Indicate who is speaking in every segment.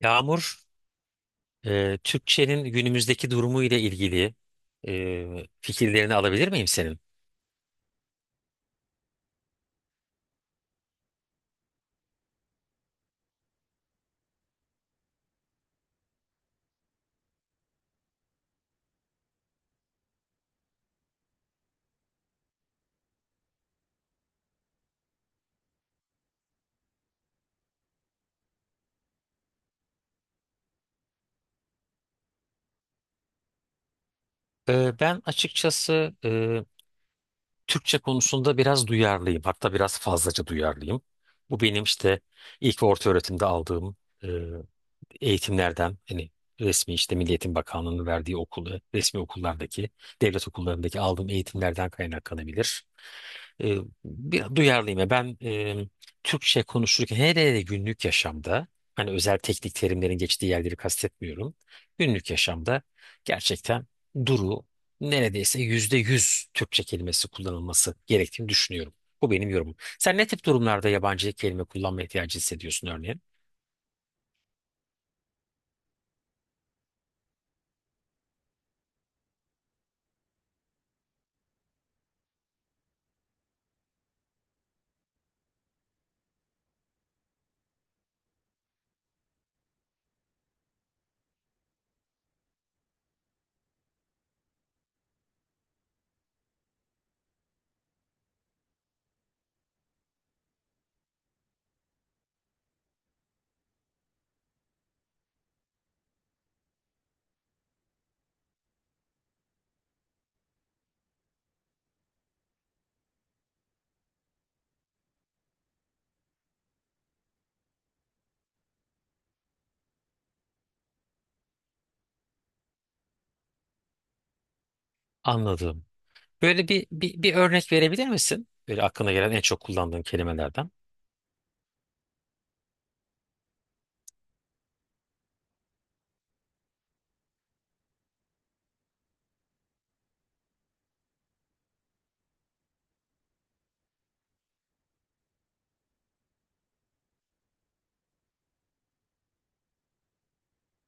Speaker 1: Yağmur, Türkçenin günümüzdeki durumu ile ilgili fikirlerini alabilir miyim senin? Ben açıkçası Türkçe konusunda biraz duyarlıyım. Hatta biraz fazlaca duyarlıyım. Bu benim işte ilk ve orta öğretimde aldığım e, eğitimlerden hani resmi işte Milli Eğitim Bakanlığı'nın verdiği okulu, resmi okullardaki, devlet okullarındaki aldığım eğitimlerden kaynaklanabilir. E, bir duyarlıyım, ya. Ben Türkçe konuşurken hele hele günlük yaşamda hani özel teknik terimlerin geçtiği yerleri kastetmiyorum. Günlük yaşamda gerçekten duru neredeyse %100 Türkçe kelimesi kullanılması gerektiğini düşünüyorum. Bu benim yorumum. Sen ne tip durumlarda yabancı kelime kullanma ihtiyacı hissediyorsun örneğin? Anladım. Böyle bir örnek verebilir misin? Böyle aklına gelen en çok kullandığın kelimelerden.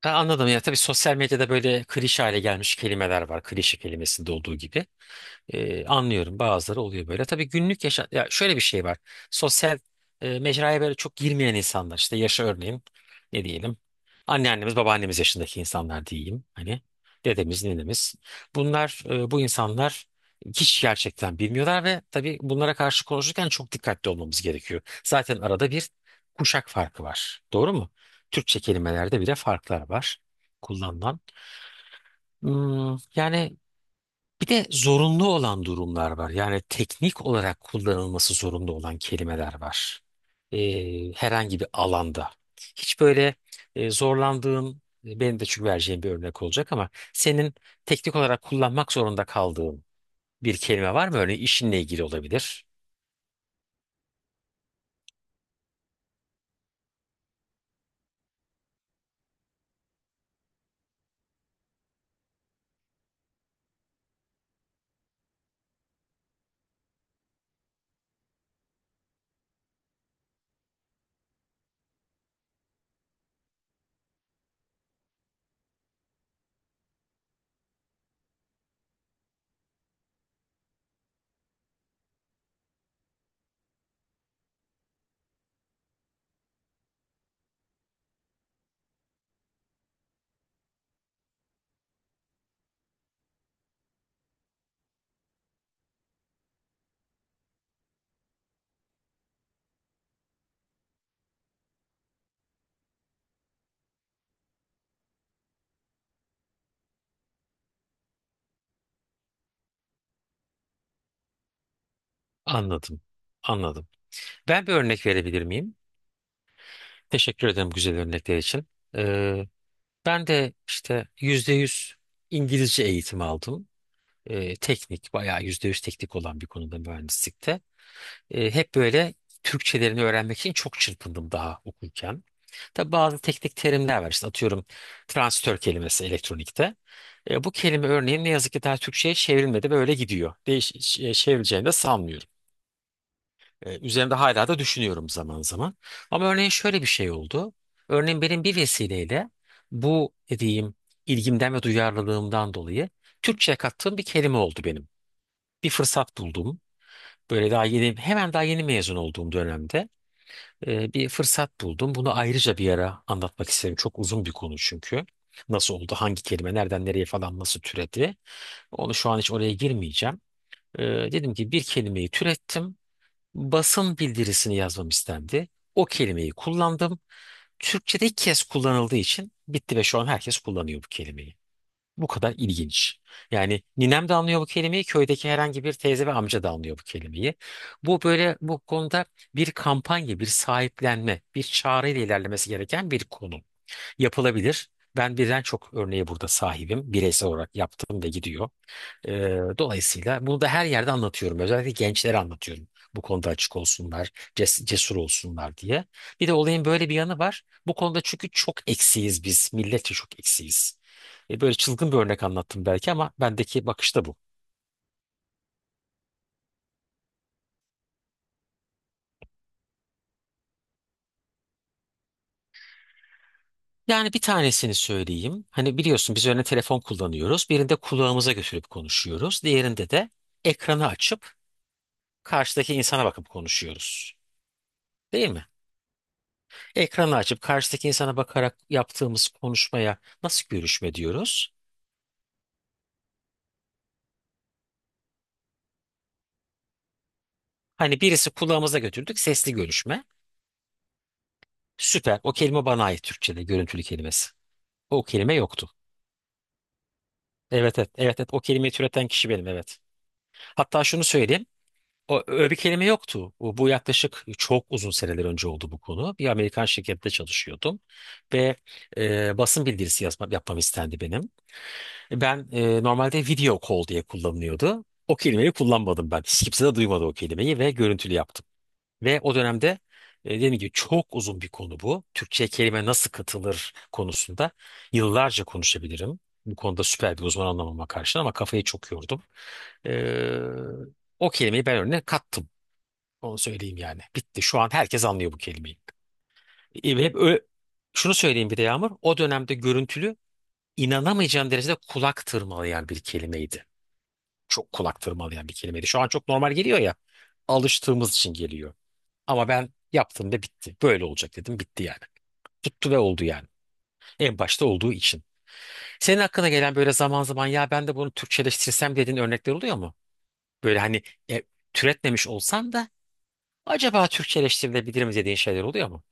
Speaker 1: Ha, anladım ya tabii sosyal medyada böyle klişe hale gelmiş kelimeler var. Klişe kelimesinde olduğu gibi. Anlıyorum, bazıları oluyor böyle. Tabii günlük yaşa ya şöyle bir şey var. Sosyal mecraya böyle çok girmeyen insanlar işte yaşa örneğin ne diyelim. Anneannemiz babaannemiz yaşındaki insanlar diyeyim. Hani dedemiz ninemiz. Bu insanlar hiç gerçekten bilmiyorlar ve tabii bunlara karşı konuşurken çok dikkatli olmamız gerekiyor. Zaten arada bir kuşak farkı var. Doğru mu? Türkçe kelimelerde bile farklar var kullanılan. Yani bir de zorunlu olan durumlar var. Yani teknik olarak kullanılması zorunlu olan kelimeler var. Herhangi bir alanda. Hiç böyle zorlandığın, benim de çünkü vereceğim bir örnek olacak ama senin teknik olarak kullanmak zorunda kaldığın bir kelime var mı? Örneğin işinle ilgili olabilir. Anladım, anladım. Ben bir örnek verebilir miyim? Teşekkür ederim güzel örnekler için. Ee, Ben de işte %100 İngilizce eğitimi aldım. Teknik, bayağı %100 teknik olan bir konuda mühendislikte. Hep böyle Türkçelerini öğrenmek için çok çırpındım daha okurken. Tabi bazı teknik terimler var. İşte atıyorum transistör kelimesi elektronikte. Bu kelime örneğin ne yazık ki daha Türkçe'ye çevrilmedi ve öyle gidiyor. Çevrileceğini de sanmıyorum. Üzerinde hala da düşünüyorum zaman zaman. Ama örneğin şöyle bir şey oldu. Örneğin benim bir vesileyle bu dediğim ilgimden ve duyarlılığımdan dolayı Türkçe'ye kattığım bir kelime oldu benim, bir fırsat buldum. Böyle daha yeni mezun olduğum dönemde bir fırsat buldum. Bunu ayrıca bir ara anlatmak isterim. Çok uzun bir konu çünkü. Nasıl oldu, hangi kelime, nereden nereye falan nasıl türedi. Onu şu an hiç oraya girmeyeceğim. E, Dedim ki bir kelimeyi türettim. Basın bildirisini yazmam istendi. O kelimeyi kullandım. Türkçe'de ilk kez kullanıldığı için bitti ve şu an herkes kullanıyor bu kelimeyi. Bu kadar ilginç. Yani ninem de anlıyor bu kelimeyi, köydeki herhangi bir teyze ve amca da anlıyor bu kelimeyi. Bu konuda bir kampanya, bir sahiplenme, bir çağrı ile ilerlemesi gereken bir konu. Yapılabilir. Ben birden çok örneğe burada sahibim. Bireysel olarak yaptım ve gidiyor. Dolayısıyla bunu da her yerde anlatıyorum. Özellikle gençlere anlatıyorum. Bu konuda açık olsunlar, cesur olsunlar diye. Bir de olayın böyle bir yanı var. Bu konuda çünkü çok eksiyiz biz. Milletçe çok eksiyiz. Böyle çılgın bir örnek anlattım belki ama bendeki bakış da bu. Yani bir tanesini söyleyeyim. Hani biliyorsun biz örneğin telefon kullanıyoruz. Birinde kulağımıza götürüp konuşuyoruz. Diğerinde de ekranı açıp karşıdaki insana bakıp konuşuyoruz. Değil mi? Ekranı açıp karşıdaki insana bakarak yaptığımız konuşmaya nasıl görüşme diyoruz? Hani birisi kulağımıza götürdük, sesli görüşme. Süper. O kelime bana ait, Türkçe'de görüntülü kelimesi. O kelime yoktu. Evet, evet, evet, evet. O kelimeyi türeten kişi benim, evet. Hatta şunu söyleyeyim. O, öyle bir kelime yoktu. Bu yaklaşık çok uzun seneler önce oldu bu konu. Bir Amerikan şirkette çalışıyordum ve basın bildirisi yapmam istendi benim. Normalde video call diye kullanılıyordu. O kelimeyi kullanmadım ben. Hiç kimse de duymadı o kelimeyi ve görüntülü yaptım. Ve o dönemde dediğim gibi çok uzun bir konu bu. Türkçe kelime nasıl katılır konusunda yıllarca konuşabilirim. Bu konuda süper bir uzman anlamama karşın ama kafayı çok yordum. E, O kelimeyi ben önüne kattım. Onu söyleyeyim yani. Bitti. Şu an herkes anlıyor bu kelimeyi. E, hep ö- şunu söyleyeyim bir de Yağmur. O dönemde görüntülü inanamayacağım derecede kulak tırmalayan bir kelimeydi, çok kulak tırmalayan bir kelimeydi. Şu an çok normal geliyor ya. Alıştığımız için geliyor. Ama ben yaptım ve bitti. Böyle olacak dedim, bitti yani. Tuttu ve oldu yani. En başta olduğu için. Senin hakkına gelen böyle zaman zaman, ya ben de bunu Türkçeleştirsem dediğin örnekler oluyor mu? Böyle hani e, türetmemiş olsan da acaba Türkçeleştirilebilir mi dediğin şeyler oluyor mu?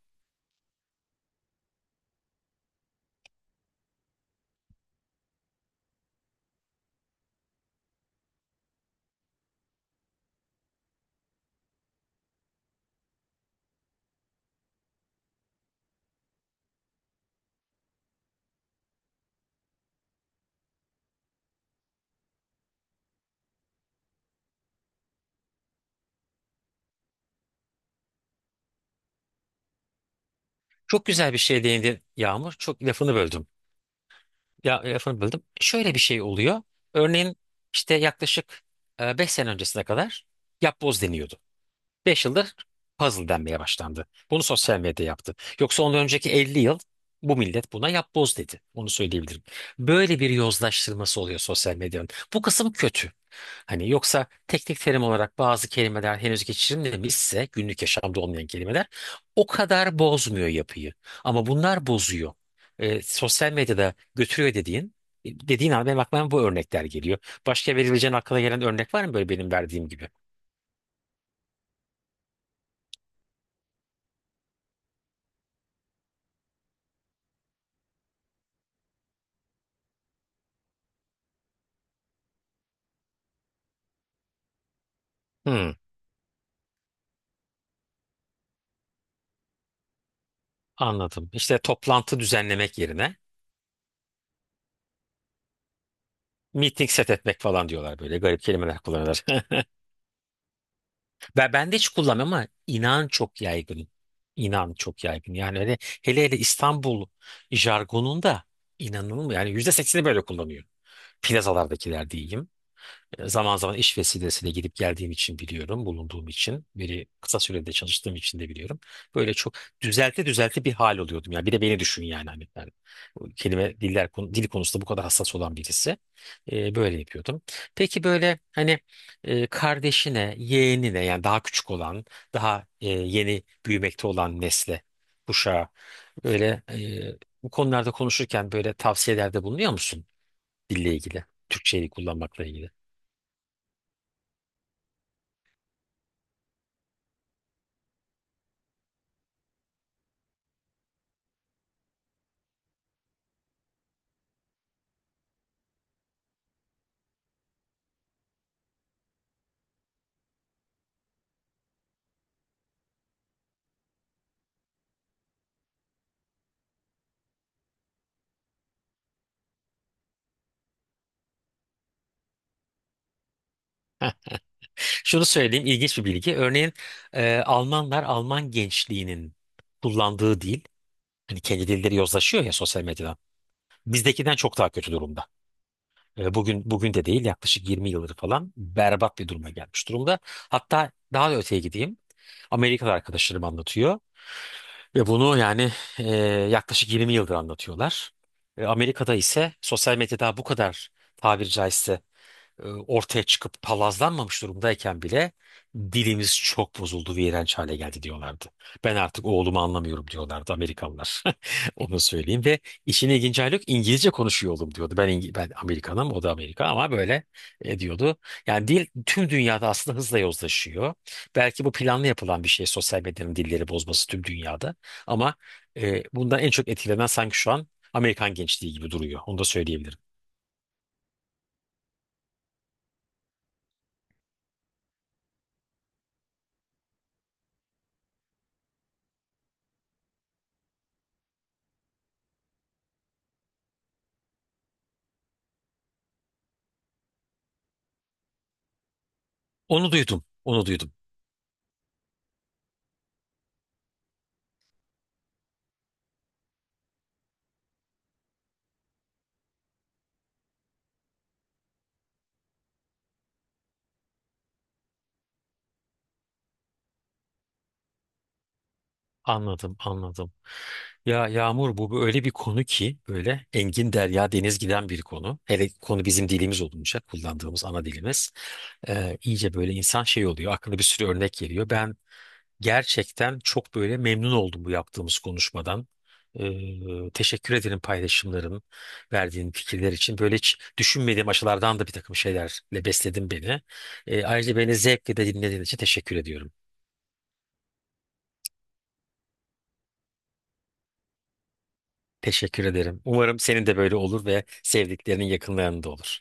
Speaker 1: Çok güzel bir şey değindin Yağmur. Çok lafını böldüm. Ya lafını böldüm. Şöyle bir şey oluyor. Örneğin işte yaklaşık 5 sene öncesine kadar yapboz deniyordu. 5 yıldır puzzle denmeye başlandı. Bunu sosyal medya yaptı. Yoksa ondan önceki 50 yıl bu millet buna yapboz dedi. Onu söyleyebilirim. Böyle bir yozlaştırması oluyor sosyal medyanın. Bu kısım kötü. Hani yoksa teknik terim olarak bazı kelimeler henüz geçirilmemişse, günlük yaşamda olmayan kelimeler o kadar bozmuyor yapıyı. Ama bunlar bozuyor. Sosyal medyada götürüyor dediğin an benim aklıma bu örnekler geliyor. Başka verebileceğin aklına gelen örnek var mı böyle benim verdiğim gibi? Hmm. Anladım. İşte toplantı düzenlemek yerine meeting set etmek falan diyorlar, böyle garip kelimeler kullanırlar. Ben de hiç kullanmıyorum ama inan çok yaygın. İnan çok yaygın. Yani öyle, hele hele İstanbul jargonunda inanılmıyor. Yani %80'i böyle kullanıyor. Plazalardakiler diyeyim. Zaman zaman iş vesilesiyle gidip geldiğim için biliyorum, bulunduğum için. Biri kısa sürede çalıştığım için de biliyorum. Böyle çok düzelte düzelte bir hal oluyordum. Yani bir de beni düşün yani hani ben dil konusunda bu kadar hassas olan birisi. Böyle yapıyordum. Peki böyle hani kardeşine, yeğenine yani daha küçük olan, daha yeni büyümekte olan nesle, kuşağa böyle bu konularda konuşurken böyle tavsiyelerde bulunuyor musun dille ilgili, Türkçeyi kullanmakla ilgili? Şunu söyleyeyim, ilginç bir bilgi. Örneğin Almanlar, Alman gençliğinin kullandığı dil, hani kendi dilleri yozlaşıyor ya sosyal medyada. Bizdekinden çok daha kötü durumda. Bugün bugün de değil, yaklaşık 20 yıldır falan berbat bir duruma gelmiş durumda. Hatta daha da öteye gideyim. Amerikalı arkadaşlarım anlatıyor. Ve bunu yani e, yaklaşık 20 yıldır anlatıyorlar. Amerika'da ise sosyal medyada bu kadar, tabiri caizse ortaya çıkıp palazlanmamış durumdayken bile dilimiz çok bozuldu ve iğrenç hale geldi diyorlardı. Ben artık oğlumu anlamıyorum diyorlardı Amerikalılar. Onu söyleyeyim ve işin ilginç hali, yok İngilizce konuşuyor oğlum diyordu. Ben Amerikanım, o da Amerika ama böyle diyordu. Yani dil tüm dünyada aslında hızla yozlaşıyor. Belki bu planlı yapılan bir şey, sosyal medyanın dilleri bozması tüm dünyada, ama bundan en çok etkilenen sanki şu an Amerikan gençliği gibi duruyor. Onu da söyleyebilirim. Onu duydum, onu duydum. Anladım, anladım. Ya Yağmur, bu böyle bir konu ki böyle engin derya deniz giden bir konu. Hele konu bizim dilimiz olunca, kullandığımız ana dilimiz. İyice böyle insan şey oluyor. Aklına bir sürü örnek geliyor. Gerçekten çok böyle memnun oldum bu yaptığımız konuşmadan. Teşekkür ederim paylaşımların, verdiğin fikirler için. Böyle hiç düşünmediğim açılardan da bir takım şeylerle besledin beni. Ayrıca beni zevkle de dinlediğin için teşekkür ediyorum. Teşekkür ederim. Umarım senin de böyle olur ve sevdiklerinin yakınlarında olur.